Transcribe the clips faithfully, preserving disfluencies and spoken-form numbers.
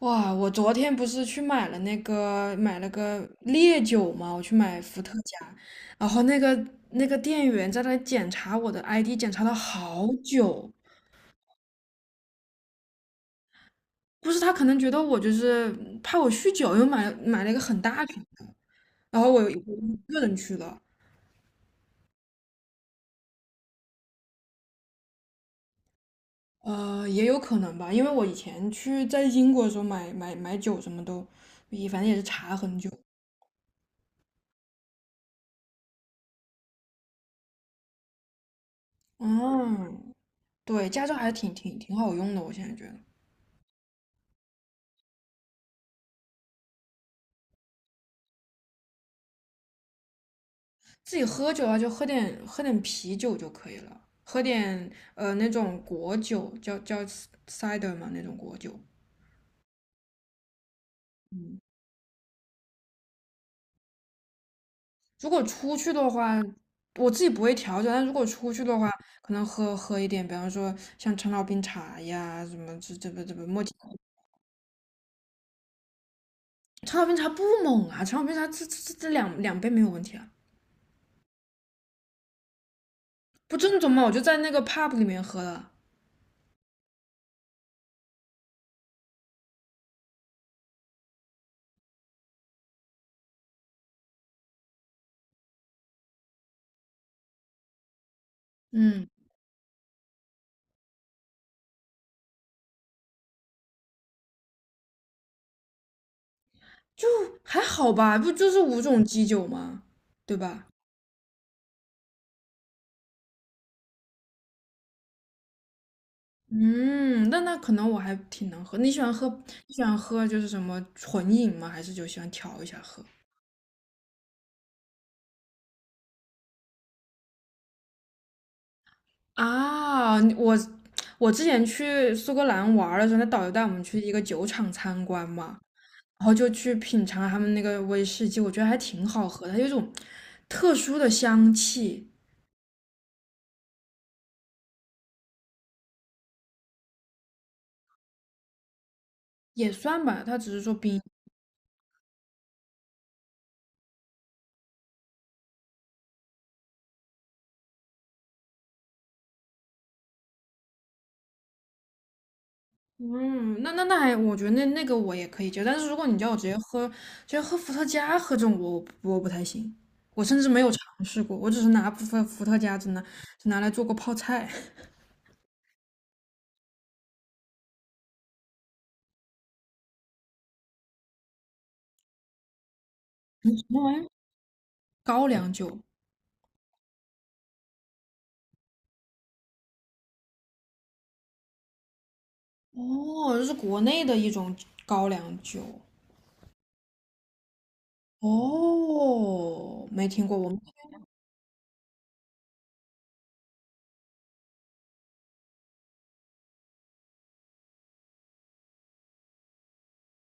哇，我昨天不是去买了那个买了个烈酒嘛，我去买伏特加，然后那个那个店员在那检查我的 I D，检查了好久。不是他可能觉得我就是怕我酗酒，又买买了一个很大瓶的，然后我我一个人去的。呃，也有可能吧，因为我以前去在英国的时候买买买酒什么都，也反正也是查很久。嗯，对，驾照还是挺挺挺好用的，我现在觉得。自己喝酒啊，就喝点喝点啤酒就可以了，喝点呃那种果酒，叫叫 cider 嘛那种果酒。嗯，如果出去的话，我自己不会调酒，但如果出去的话，可能喝喝一点，比方说像陈老冰茶呀，什么这这个这个莫吉托。陈老冰茶不猛啊，陈老冰茶这这这这两两杯没有问题啊。不正宗嘛，我就在那个 pub 里面喝的。嗯，就还好吧，不就是五种基酒吗？对吧？嗯，那那可能我还挺能喝。你喜欢喝，你喜欢喝就是什么纯饮吗？还是就喜欢调一下喝？啊，你我我之前去苏格兰玩儿的时候，那导游带我们去一个酒厂参观嘛，然后就去品尝他们那个威士忌，我觉得还挺好喝的，它有一种特殊的香气。也算吧，它只是说冰。嗯，那那那还，我觉得那那个我也可以接受，但是如果你叫我直接喝，直接喝伏特加喝这种，我不我不太行。我甚至没有尝试过，我只是拿部分伏特加只拿只拿来做过泡菜。什么玩意儿？高粱酒，哦，这是国内的一种高粱酒。哦，没听过，我们，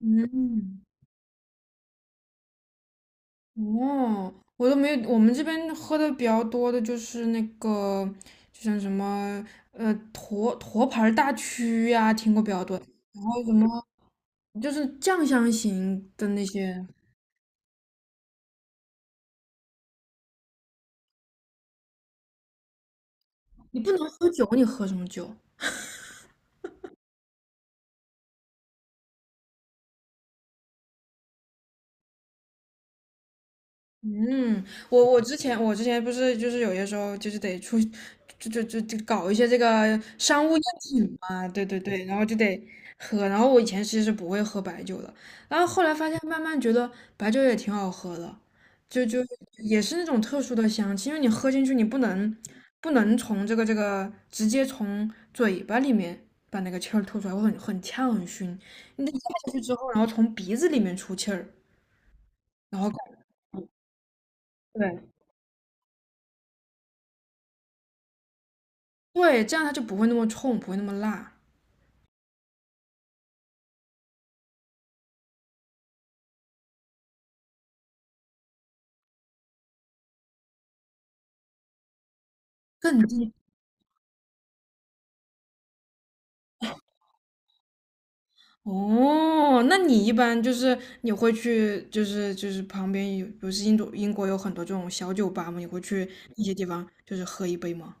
嗯。哦，我都没有，我们这边喝的比较多的就是那个，就像什么呃沱沱牌儿大曲呀、听过比较多。然后什么就是酱香型的那些。你不能喝酒，你喝什么酒？嗯，我我之前我之前不是就是有些时候就是得出，就就就就搞一些这个商务宴请嘛，对对对。然后就得喝，然后我以前其实是不会喝白酒的，然后后来发现慢慢觉得白酒也挺好喝的，就就也是那种特殊的香气，因为你喝进去你不能不能从这个这个直接从嘴巴里面把那个气儿吐出来，会很很呛很熏，你得咽下去之后，然后从鼻子里面出气儿，然后。对。对，这样它就不会那么冲，不会那么辣。更低，哦，那你一般就是你会去，就是就是旁边有，不是印度英国有很多这种小酒吧嘛，你会去一些地方就是喝一杯吗？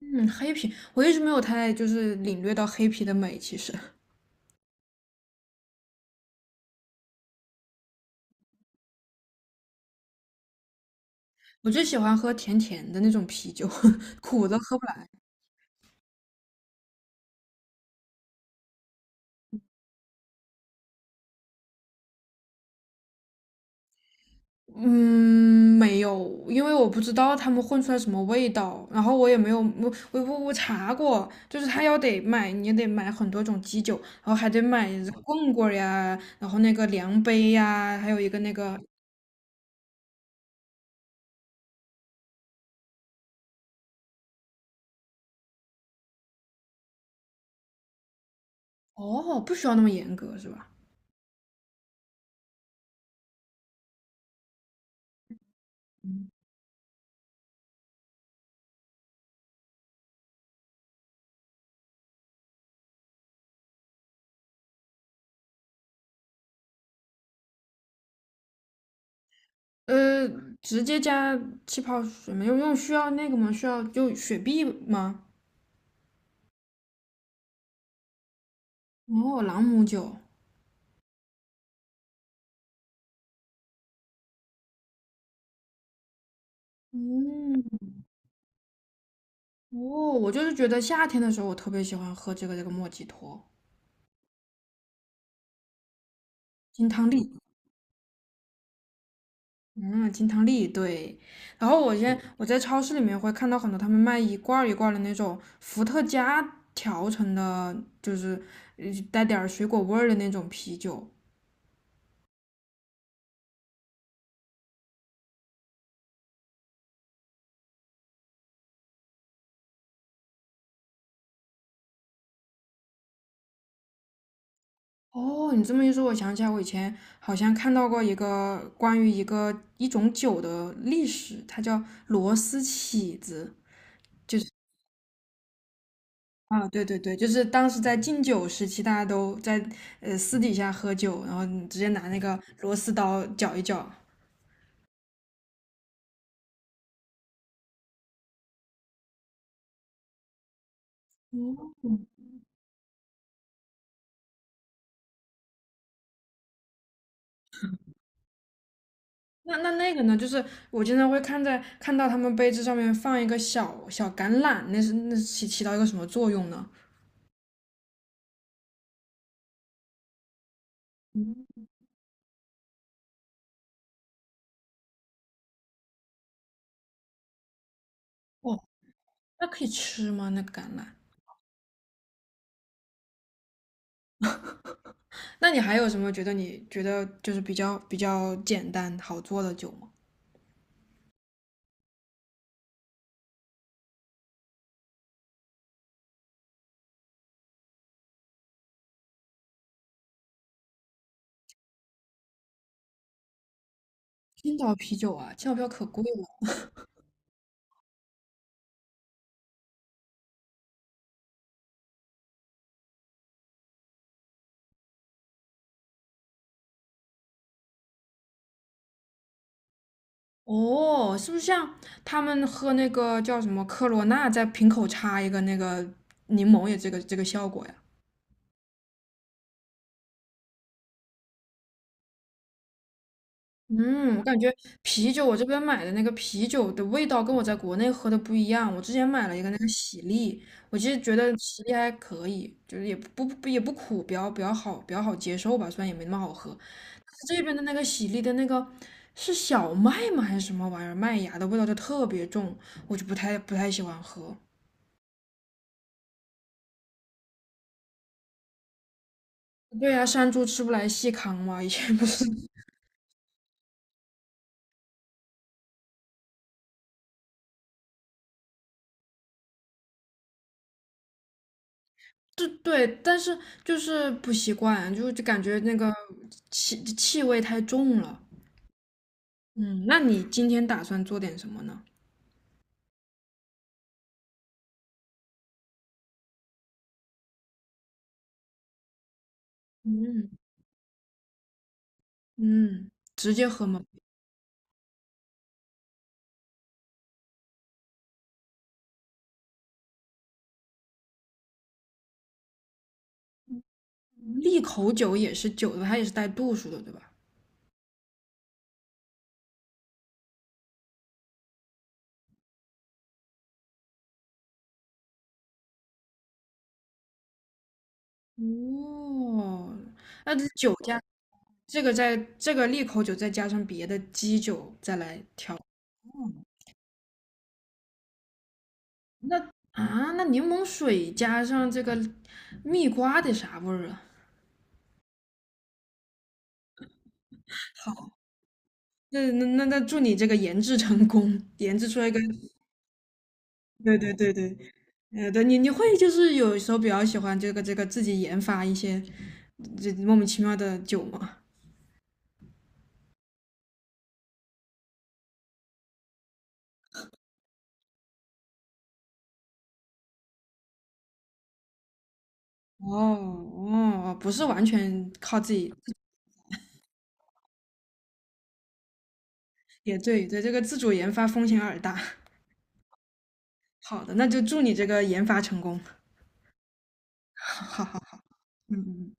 嗯，黑啤，我一直没有太就是领略到黑啤的美。其实我最喜欢喝甜甜的那种啤酒，苦的喝不来。嗯，没有，因为我不知道他们混出来什么味道，然后我也没有，我我我我查过，就是他要得买，你也得买很多种基酒，然后还得买棍棍儿呀，然后那个量杯呀，还有一个那个。哦，不需要那么严格是吧？呃，直接加气泡水吗？用用需要那个吗？需要就雪碧吗？哦，朗姆酒。嗯，哦，我就是觉得夏天的时候我特别喜欢喝这个这个莫吉托。金汤力。嗯，金汤力对。然后我现在嗯我在超市里面会看到很多他们卖一罐儿一罐儿的那种伏特加调成的，就是呃带点儿水果味儿的那种啤酒。哦，你这么一说，我想起来，我以前好像看到过一个关于一个一种酒的历史，它叫螺丝起子。啊，对对对，就是当时在禁酒时期，大家都在呃私底下喝酒，然后你直接拿那个螺丝刀搅一绞。那那那个呢？就是我经常会看在看到他们杯子上面放一个小小橄榄，那是那是起起到一个什么作用呢？哦，那可以吃吗？那个橄榄？那你还有什么觉得你觉得就是比较比较简单好做的酒吗？青岛啤酒啊，青岛啤酒可贵了。哦，是不是像他们喝那个叫什么科罗娜，在瓶口插一个那个柠檬也这个这个效果呀？嗯，我感觉啤酒，我这边买的那个啤酒的味道跟我在国内喝的不一样。我之前买了一个那个喜力，我其实觉得喜力还可以，就是也不不也不苦，比较比较好比较好接受吧，虽然也没那么好喝。但是这边的那个喜力的那个是小麦吗还是什么玩意儿？麦芽的味道就特别重，我就不太不太喜欢喝。对呀、山猪吃不来细糠嘛，以前不是。对对，但是就是不习惯，就就感觉那个气气味太重了。嗯，那你今天打算做点什么呢？嗯嗯，直接喝吗？利口酒也是酒的，它也是带度数的，对吧？哦，那这酒加这个再这个利口酒再加上别的基酒再来调。那啊，那柠檬水加上这个蜜瓜得啥味儿啊？好，那那那那祝你这个研制成功，研制出来一个对对对对。呃，对你你会就是有时候比较喜欢这个这个自己研发一些这莫名其妙的酒吗？哦哦，不是完全靠自己。也对对，这个自主研发风险有点大。好的，那就祝你这个研发成功。好好好，嗯嗯。嗯